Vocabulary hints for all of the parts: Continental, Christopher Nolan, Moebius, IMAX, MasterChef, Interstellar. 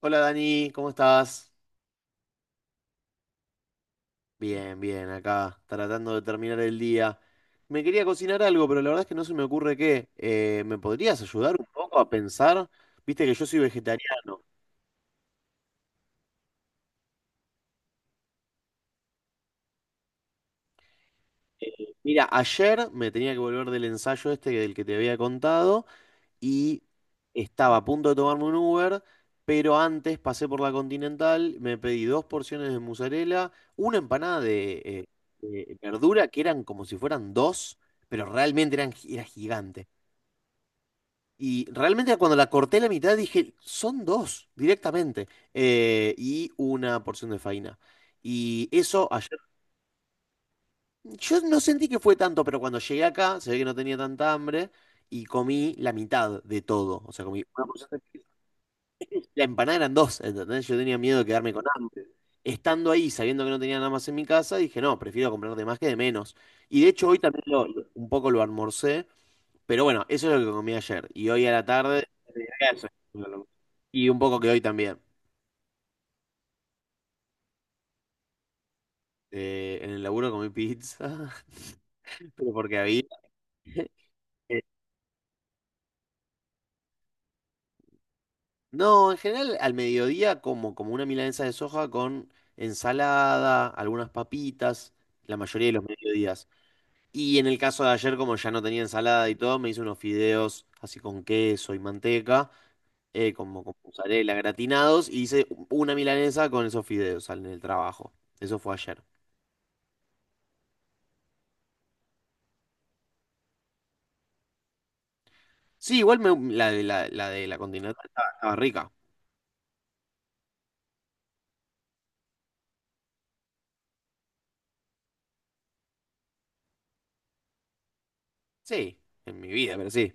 Hola Dani, ¿cómo estás? Bien, bien, acá, tratando de terminar el día. Me quería cocinar algo, pero la verdad es que no se me ocurre qué. ¿Me podrías ayudar un poco a pensar? Viste que yo soy vegetariano. Mira, ayer me tenía que volver del ensayo este del que te había contado y estaba a punto de tomarme un Uber, pero antes pasé por la Continental, me pedí dos porciones de mozzarella, una empanada de verdura que eran como si fueran dos, pero realmente era gigante. Y realmente cuando la corté la mitad dije, son dos directamente. Y una porción de faina. Y eso ayer, yo no sentí que fue tanto, pero cuando llegué acá, se ve que no tenía tanta hambre y comí la mitad de todo. O sea, comí una porción de... La empanada eran dos, ¿entendés? Yo tenía miedo de quedarme con hambre. Estando ahí, sabiendo que no tenía nada más en mi casa, dije, no, prefiero comprar de más que de menos. Y de hecho hoy también un poco lo almorcé, pero bueno, eso es lo que comí ayer. Y hoy a la tarde. Eso. Y un poco que hoy también. En el laburo comí pizza. Pero porque había. Eh, No, en general al mediodía como una milanesa de soja con ensalada, algunas papitas, la mayoría de los mediodías. Y en el caso de ayer, como ya no tenía ensalada y todo, me hice unos fideos así con queso y manteca, como con mozzarella gratinados, y hice una milanesa con esos fideos en el trabajo. Eso fue ayer. Sí, igual la de la Continental estaba rica. Sí, en mi vida, pero sí.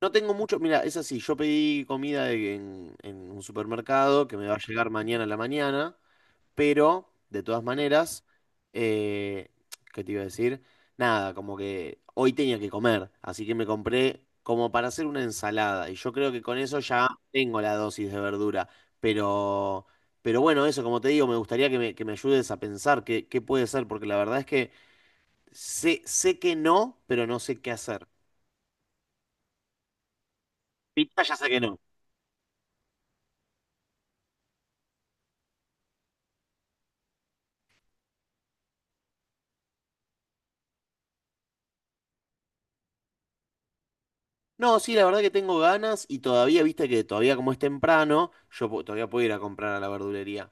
No tengo mucho, mira, es así, yo pedí comida en un supermercado que me va a llegar mañana a la mañana, pero de todas maneras, eh, ¿qué te iba a decir? Nada, como que hoy tenía que comer, así que me compré como para hacer una ensalada y yo creo que con eso ya tengo la dosis de verdura, pero... Pero bueno, eso, como te digo, me gustaría que me ayudes a pensar qué puede ser, porque la verdad es que sé que no, pero no sé qué hacer. Pita ya sé que no. No, sí, la verdad que tengo ganas y todavía, viste que todavía como es temprano, yo todavía puedo ir a comprar a la verdulería.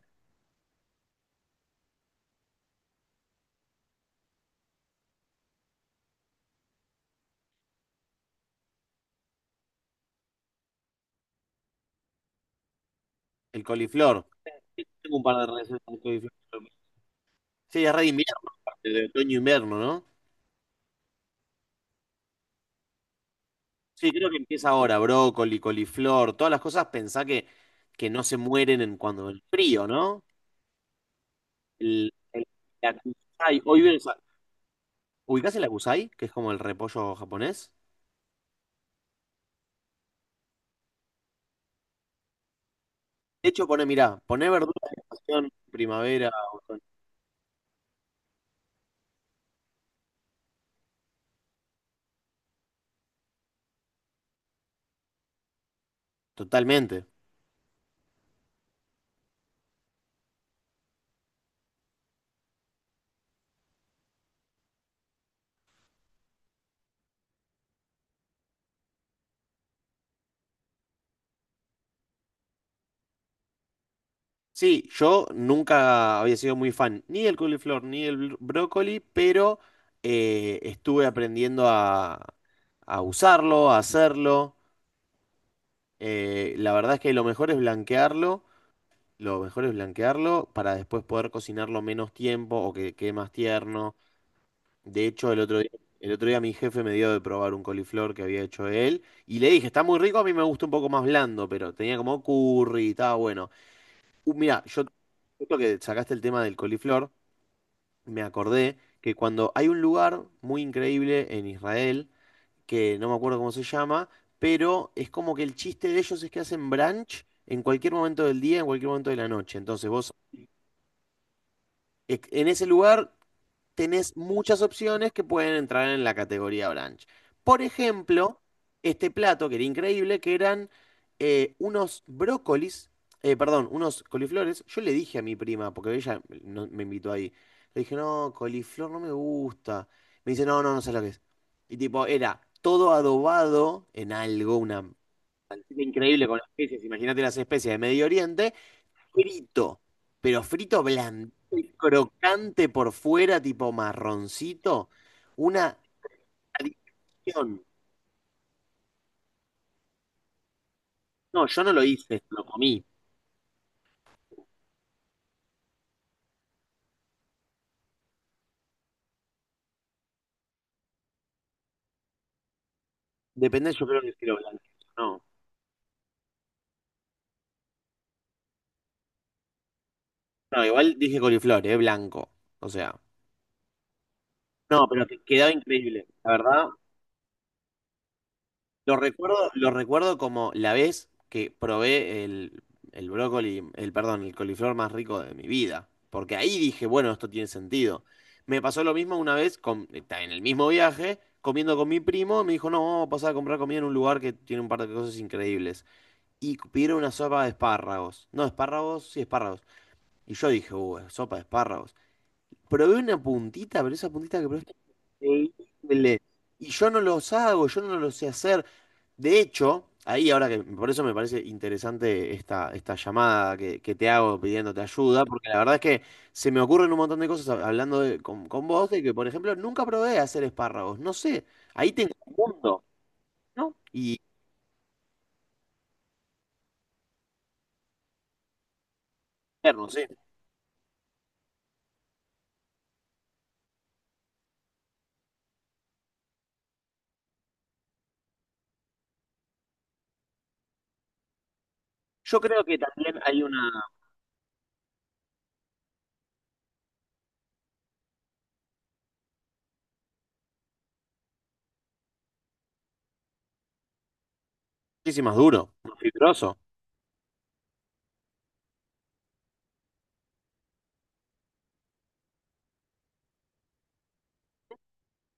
El coliflor. Sí, tengo un par de recetas de coliflor. Sí, es re de invierno, aparte, de otoño-invierno, ¿no? Sí, creo que empieza ahora, brócoli, coliflor, todas las cosas, pensá que no se mueren en cuando el frío, ¿no? El, el, la kusai, hoy ves, ¿ubicás el acusai, que es como el repollo japonés? De hecho, pone, mirá, pone verduras de estación, primavera, otoño. Totalmente. Sí, yo nunca había sido muy fan ni del coliflor ni del brócoli, pero estuve aprendiendo a usarlo, a hacerlo. La verdad es que lo mejor es blanquearlo para después poder cocinarlo menos tiempo o que quede más tierno. De hecho, el otro día mi jefe me dio de probar un coliflor que había hecho él y le dije, está muy rico, a mí me gusta un poco más blando, pero tenía como curry y estaba bueno. Mira, yo, justo que sacaste el tema del coliflor, me acordé que cuando hay un lugar muy increíble en Israel, que no me acuerdo cómo se llama, pero es como que el chiste de ellos es que hacen brunch en cualquier momento del día, en cualquier momento de la noche. Entonces vos, en ese lugar tenés muchas opciones que pueden entrar en la categoría brunch. Por ejemplo, este plato que era increíble, que eran unos brócolis, perdón, unos coliflores. Yo le dije a mi prima, porque ella me invitó ahí, le dije, no, coliflor no me gusta. Me dice, no, no, no sé lo que es. Y tipo, era todo adobado en algo, una... Increíble con especies, imagínate las especies de Medio Oriente frito, pero frito blandito y crocante por fuera, tipo marroncito. Una adicción. No, yo no lo hice, lo comí. Depende, yo creo que si lo blanco. No, no, igual dije coliflor, es blanco. O sea, no, pero que quedaba increíble. La verdad, lo recuerdo, lo recuerdo como la vez que probé el brócoli, perdón, el coliflor más rico de mi vida. Porque ahí dije, bueno, esto tiene sentido. Me pasó lo mismo una vez en el mismo viaje, comiendo con mi primo. Me dijo, no, vamos a pasar a comprar comida en un lugar que tiene un par de cosas increíbles. Y pidieron una sopa de espárragos. No, espárragos, sí, espárragos. Y yo dije, sopa de espárragos. Probé una puntita, pero esa puntita que probé está increíble. Y yo no los hago, yo no lo sé hacer. De hecho, ahí ahora que por eso me parece interesante esta llamada que te hago pidiéndote ayuda, porque la verdad es que se me ocurren un montón de cosas hablando con vos, de que por ejemplo nunca probé hacer espárragos, no sé, ahí tengo un mundo y no sé. Yo creo que también hay una, muchísimas duro, más fibroso.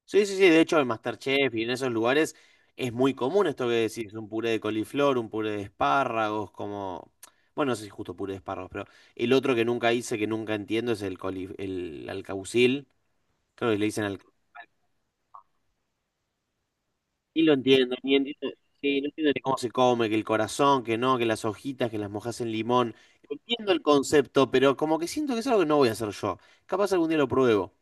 Sí, sí, sí, de hecho en MasterChef y en esos lugares es muy común esto que decís, un puré de coliflor, un puré de espárragos, como, bueno, no sé si justo puré de espárragos, pero el otro que nunca hice, que nunca entiendo, es el alcaucil, creo que le dicen al... Y lo entiendo, ni entiendo, sí, no entiendo ni cómo se come, que el corazón, que no, que las hojitas, que las mojas en limón, entiendo el concepto, pero como que siento que es algo que no voy a hacer yo, capaz algún día lo pruebo.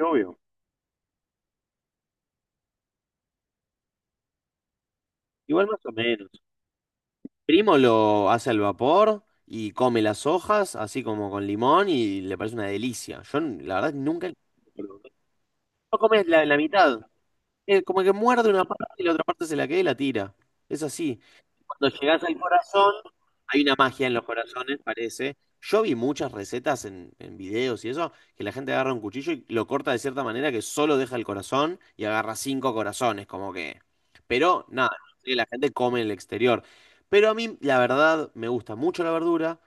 Obvio. Igual más o menos. Primo lo hace al vapor y come las hojas, así como con limón, y le parece una delicia. Yo, la verdad, nunca... No comes la mitad. Es como que muerde una parte y la otra parte se la queda y la tira. Es así. Cuando llegás al corazón, hay una magia en los corazones, parece. Yo vi muchas recetas en videos y eso, que la gente agarra un cuchillo y lo corta de cierta manera que solo deja el corazón y agarra cinco corazones, como que. Pero nada, sí, la gente come en el exterior. Pero a mí, la verdad, me gusta mucho la verdura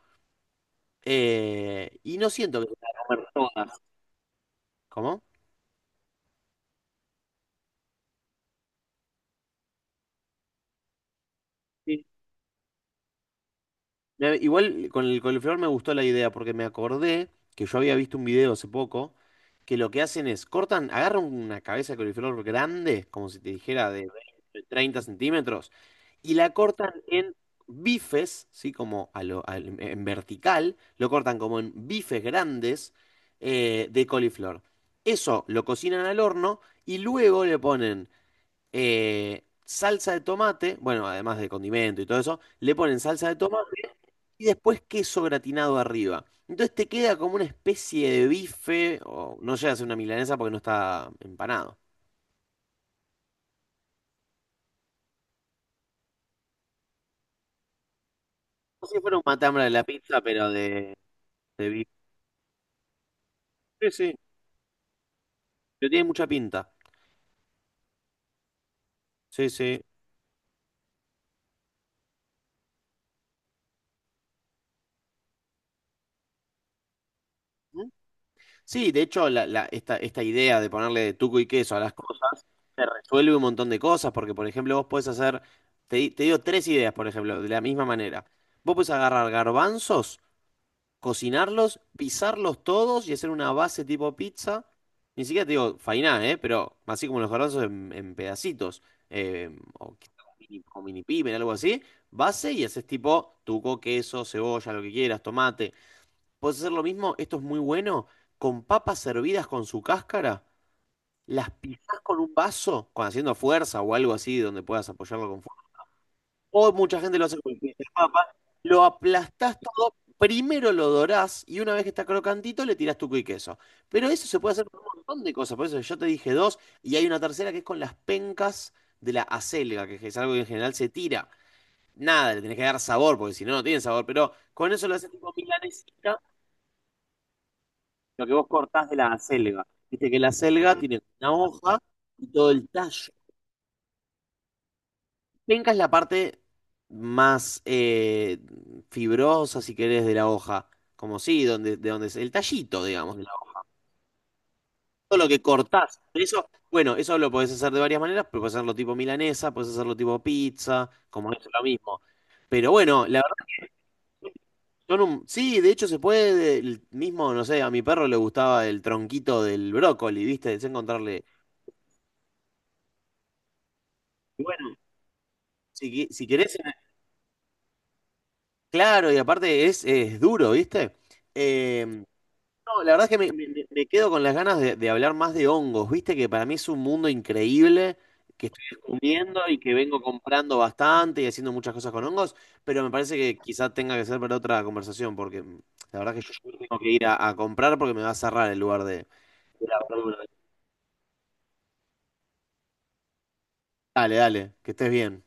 y no siento que se pueda comer todas. ¿Cómo? Sí. Igual con el coliflor me gustó la idea porque me acordé que yo había visto un video hace poco que lo que hacen es cortan, agarran una cabeza de coliflor grande, como si te dijera de 20, 30 centímetros, y la cortan en bifes, ¿sí? Como a en vertical, lo cortan como en bifes grandes de coliflor. Eso lo cocinan al horno y luego le ponen salsa de tomate, bueno, además de condimento y todo eso, le ponen salsa de tomate y después queso gratinado arriba. Entonces te queda como una especie de bife, o no llega a ser una milanesa porque no está empanado. No sé si fuera un matambre de la pizza, pero de bife. Sí, sí, pero tiene mucha pinta. Sí, sí. ¿Mm? Sí, de hecho, esta idea de ponerle tuco y queso a las cosas te resuelve un montón de cosas, porque, por ejemplo, vos podés hacer, te digo tres ideas, por ejemplo, de la misma manera. Vos podés agarrar garbanzos, cocinarlos, pisarlos todos y hacer una base tipo pizza. Ni siquiera te digo fainá, ¿eh? Pero así como los garbanzos en pedacitos, eh, o quizá con mini pimen, algo así. Base y haces tipo tuco, queso, cebolla, lo que quieras, tomate. Puedes hacer lo mismo, esto es muy bueno, con papas servidas con su cáscara. Las pisás con un vaso, con haciendo fuerza o algo así, donde puedas apoyarlo con o mucha gente lo hace con el pizza papa. Lo aplastás todo, primero lo dorás y una vez que está crocantito le tirás tuco y queso. Pero eso se puede hacer con un montón de cosas. Por eso yo te dije dos y hay una tercera que es con las pencas de la acelga, que es algo que en general se tira. Nada, le tenés que dar sabor porque si no, no tiene sabor. Pero con eso lo haces tipo milanesita, lo que vos cortás de la acelga. Viste que la acelga tiene una hoja y todo el tallo. Penca es la parte más fibrosa, si querés, de la hoja. Como sí, donde, de donde es el tallito, digamos, de la hoja. Todo lo que cortás. Eso, bueno, eso lo podés hacer de varias maneras, pero podés hacerlo tipo milanesa, podés hacerlo tipo pizza, como es lo mismo. Pero bueno, la verdad, son sí, de hecho se puede, el mismo, no sé, a mi perro le gustaba el tronquito del brócoli, ¿viste? Es encontrarle. Y bueno, si querés, claro, y aparte es duro, ¿viste? Eh, No, la verdad es que me quedo con las ganas de hablar más de hongos, viste que para mí es un mundo increíble que estoy descubriendo y que vengo comprando bastante y haciendo muchas cosas con hongos, pero me parece que quizá tenga que ser para otra conversación, porque la verdad que yo tengo que ir a comprar porque me va a cerrar el lugar de la verdura. Dale, dale, que estés bien.